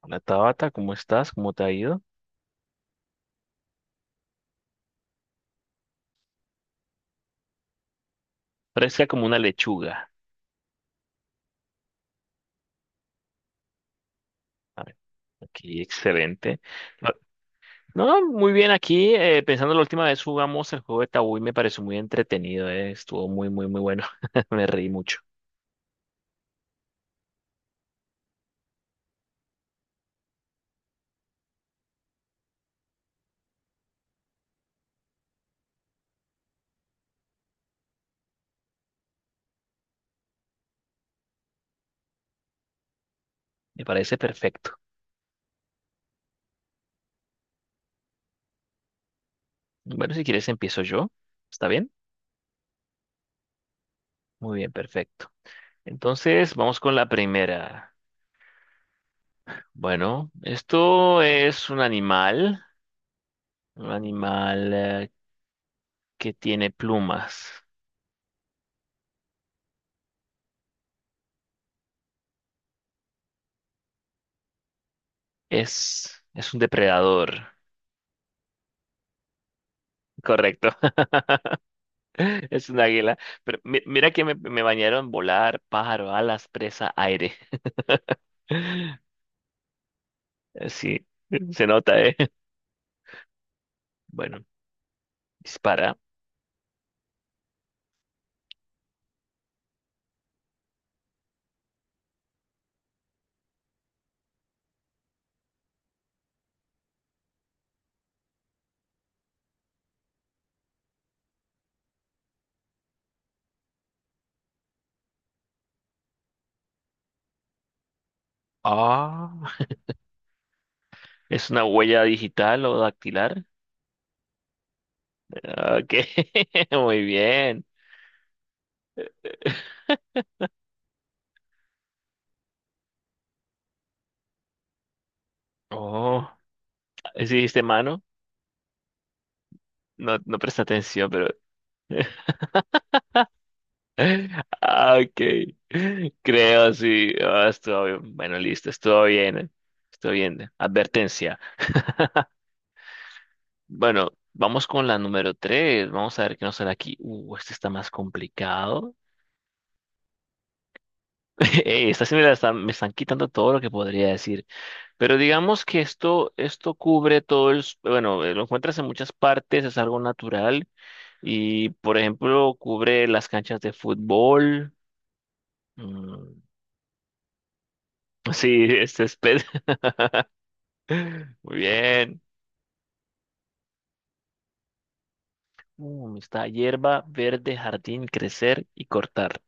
Hola Tabata, ¿cómo estás? ¿Cómo te ha ido? Fresca como una lechuga. A ver, aquí, excelente. Ah, No, muy bien aquí. Pensando la última vez jugamos el juego de Tabú y me pareció muy entretenido. Estuvo muy, muy, muy bueno. Me reí mucho. Me parece perfecto. Bueno, si quieres empiezo yo. ¿Está bien? Muy bien, perfecto. Entonces, vamos con la primera. Bueno, esto es un animal que tiene plumas. Es un depredador. Correcto, es un águila. Pero mira que me bañaron volar, pájaro, alas, presa, aire. Sí, se nota, ¿eh? Bueno, dispara. Ah, ¿es una huella digital o dactilar? Ah, ok, muy bien. Oh, ¿sí dijiste mano? No, no presta atención, pero... Ah, ok, creo, sí. Ah, estuvo bien. Bueno, listo, estuvo bien, ¿eh? Estuvo bien. Advertencia. Bueno, vamos con la número 3. Vamos a ver qué nos sale aquí. Este está más complicado. Ey, esta sí la están, me están quitando todo lo que podría decir. Pero digamos que esto cubre todo el... Bueno, lo encuentras en muchas partes, es algo natural. Y, por ejemplo, cubre las canchas de fútbol. Mm, sí, es césped. Muy bien. Está hierba, verde, jardín, crecer y cortar.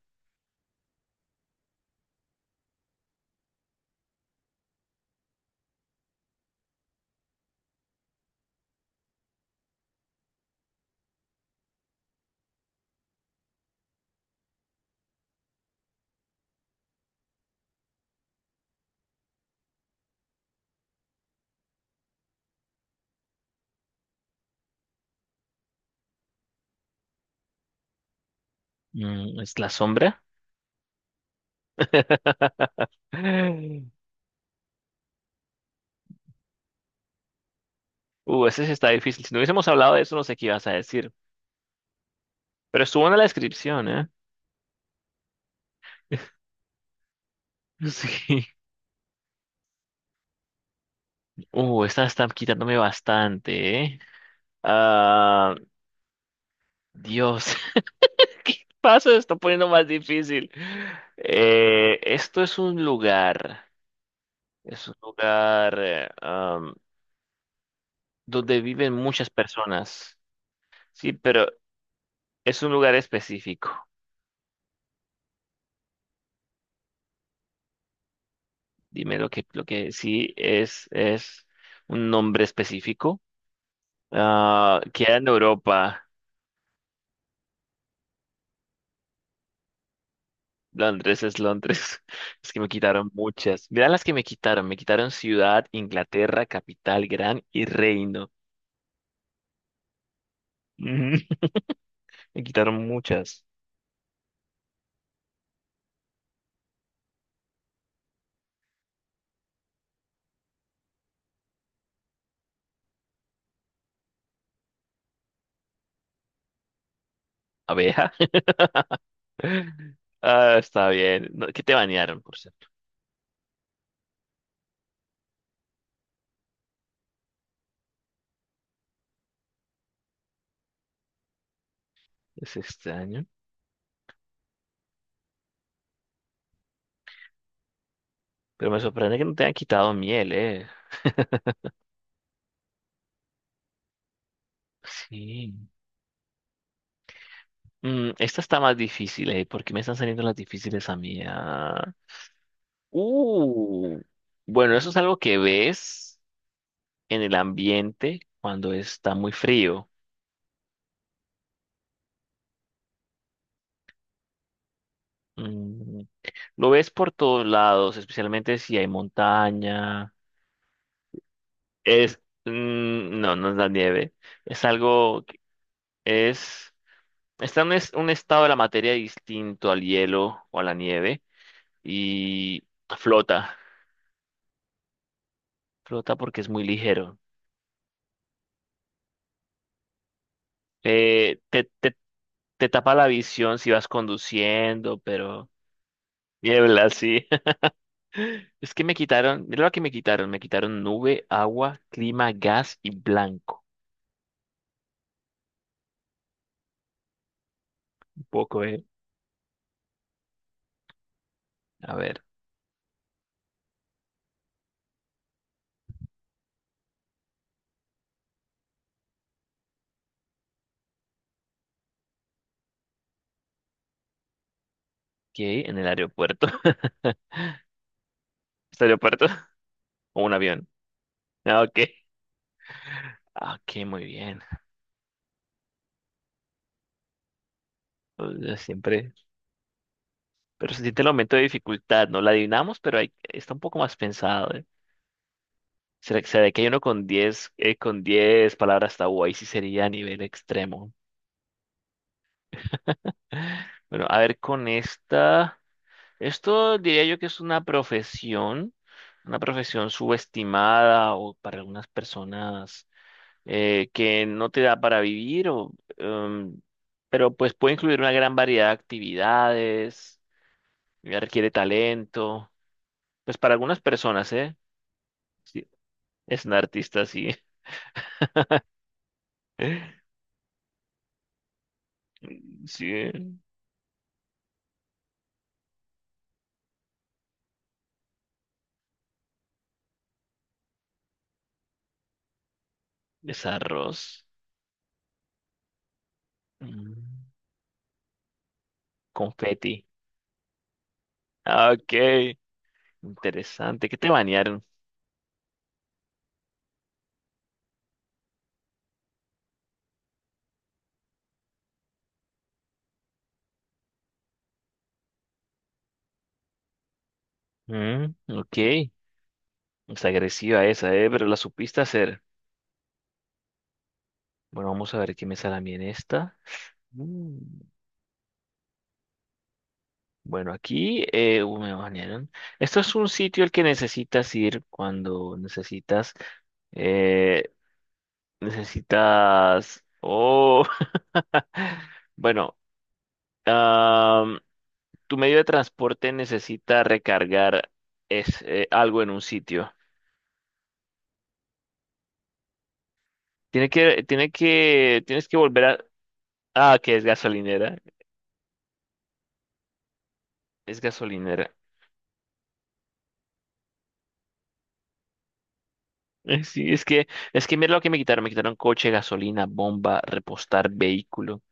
Mm, es la sombra. Ese sí está difícil. Si no hubiésemos hablado de eso, no sé qué ibas a decir. Pero estuvo en la descripción, ¿eh? Sí. Esta está quitándome bastante, ¿eh? Ah, Dios. Paso, está poniendo más difícil. Esto es un lugar. Es un lugar donde viven muchas personas. Sí, pero es un lugar específico. Dime lo que sí es un nombre específico. Ah, queda en Europa. Londres es Londres. Es que me quitaron muchas. Mirá las que me quitaron. Me quitaron ciudad, Inglaterra, capital, gran y reino. Ujú. Me quitaron muchas. Abeja. Ah, está bien. No, ¿qué te banearon, por cierto? Es extraño. Pero me sorprende que no te hayan quitado miel, ¿eh? Sí. Mm, esta está más difícil, ¿eh? ¿Por qué me están saliendo las difíciles a mí? Ah. Uh. Bueno, eso es algo que ves en el ambiente cuando está muy frío. Mm, lo ves por todos lados, especialmente si hay montaña. Es, no, no es la nieve. Es algo, es, está en un, un estado de la materia distinto al hielo o a la nieve y flota. Flota porque es muy ligero. Eh, te, te, te tapa la visión si vas conduciendo, pero niebla, sí. Es que me quitaron, mira lo que me quitaron. Me quitaron nube, agua, clima, gas y blanco. Un poco, eh. A ver. Ok, en el aeropuerto. ¿Es aeropuerto? ¿O un avión? Ah, ok. Ah, ok, muy bien. O siempre. Pero se siente el aumento de dificultad, ¿no? La adivinamos, pero está un poco más pensado, ¿eh? ¿Será que hay uno con 10 palabras tabú? Ahí sí sería a nivel extremo. Bueno, a ver, con esta. Esto diría yo que es una profesión subestimada o para algunas personas que no te da para vivir, o pero pues puede incluir una gran variedad de actividades, ya requiere talento, pues para algunas personas, ¿eh? Sí, es un artista, sí. Sí, es arroz, mm, confeti. Ah, ok, interesante, ¿qué te bañaron? Mm, ok, es agresiva esa, ¿eh? Pero la supiste hacer. Bueno, vamos a ver qué me sale a mí en esta. Mm. Bueno, aquí me banearon. Esto es un sitio al que necesitas ir cuando necesitas, eh, necesitas, oh, bueno, am, tu medio de transporte necesita recargar algo en un sitio. Tienes que volver a, ah, que es gasolinera, es gasolinera. Eh, Sí, es que, es que mira lo que me quitaron coche, gasolina, bomba, repostar vehículo.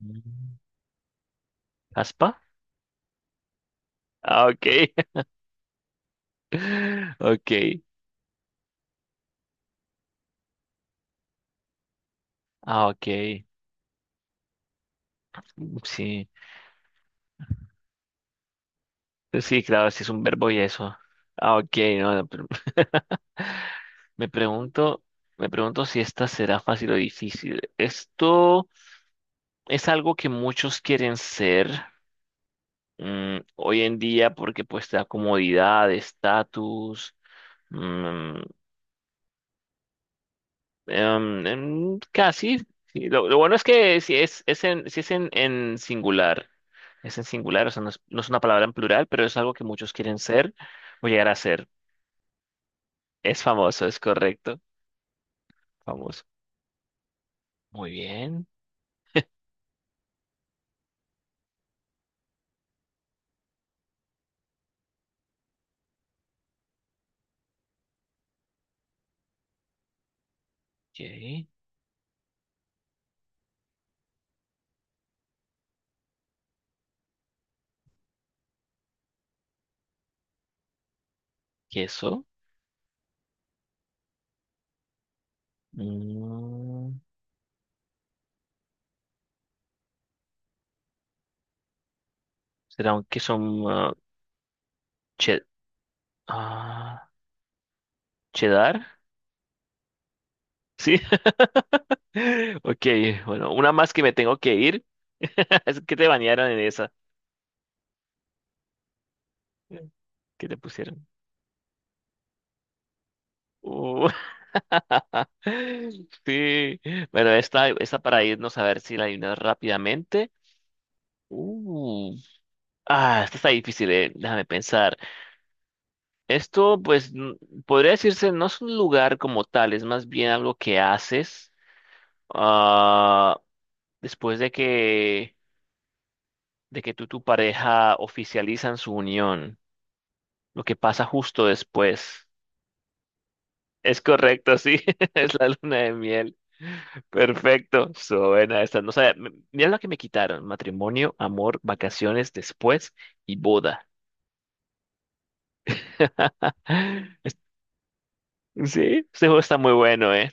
Mm. ¿Aspa? Ah, ok. Ok. Ah, ok. Mm, sí. Pues sí, claro, sí es un verbo y eso. Ah, ok. No, no, pero... me pregunto, me pregunto si esta será fácil o difícil. Esto es algo que muchos quieren ser hoy en día porque pues te da comodidad, estatus. mm, Em, em, casi. Sí, lo bueno es que si es en singular, es en singular, o sea, no es una palabra en plural, pero es algo que muchos quieren ser o llegar a ser. Es famoso, es correcto. Famoso. Muy bien. Ok. Queso. Mm, ¿será un queso che- ah, cheddar? Sí. Ok, bueno, una más que me tengo que ir. Es que te bañaron en esa. ¿Que te pusieron? Uh, sí. Bueno, esta para irnos a ver si la adivinas rápidamente. Uh, esta está difícil, eh. Déjame pensar. Esto, pues, podría decirse, no es un lugar como tal, es más bien algo que haces ah, después de que tú y tu pareja oficializan su unión, lo que pasa justo después. Es correcto, sí, es la luna de miel. Perfecto, suena esta. No sabía, mira lo que me quitaron: matrimonio, amor, vacaciones después y boda. Es- Sí, este juego está muy bueno, ¿eh?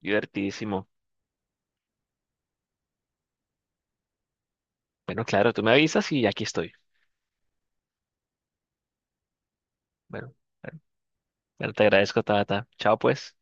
Divertidísimo. Bueno, claro, tú me avisas y aquí estoy. Bueno, bueno, bueno, te agradezco, Tata. Chao, pues.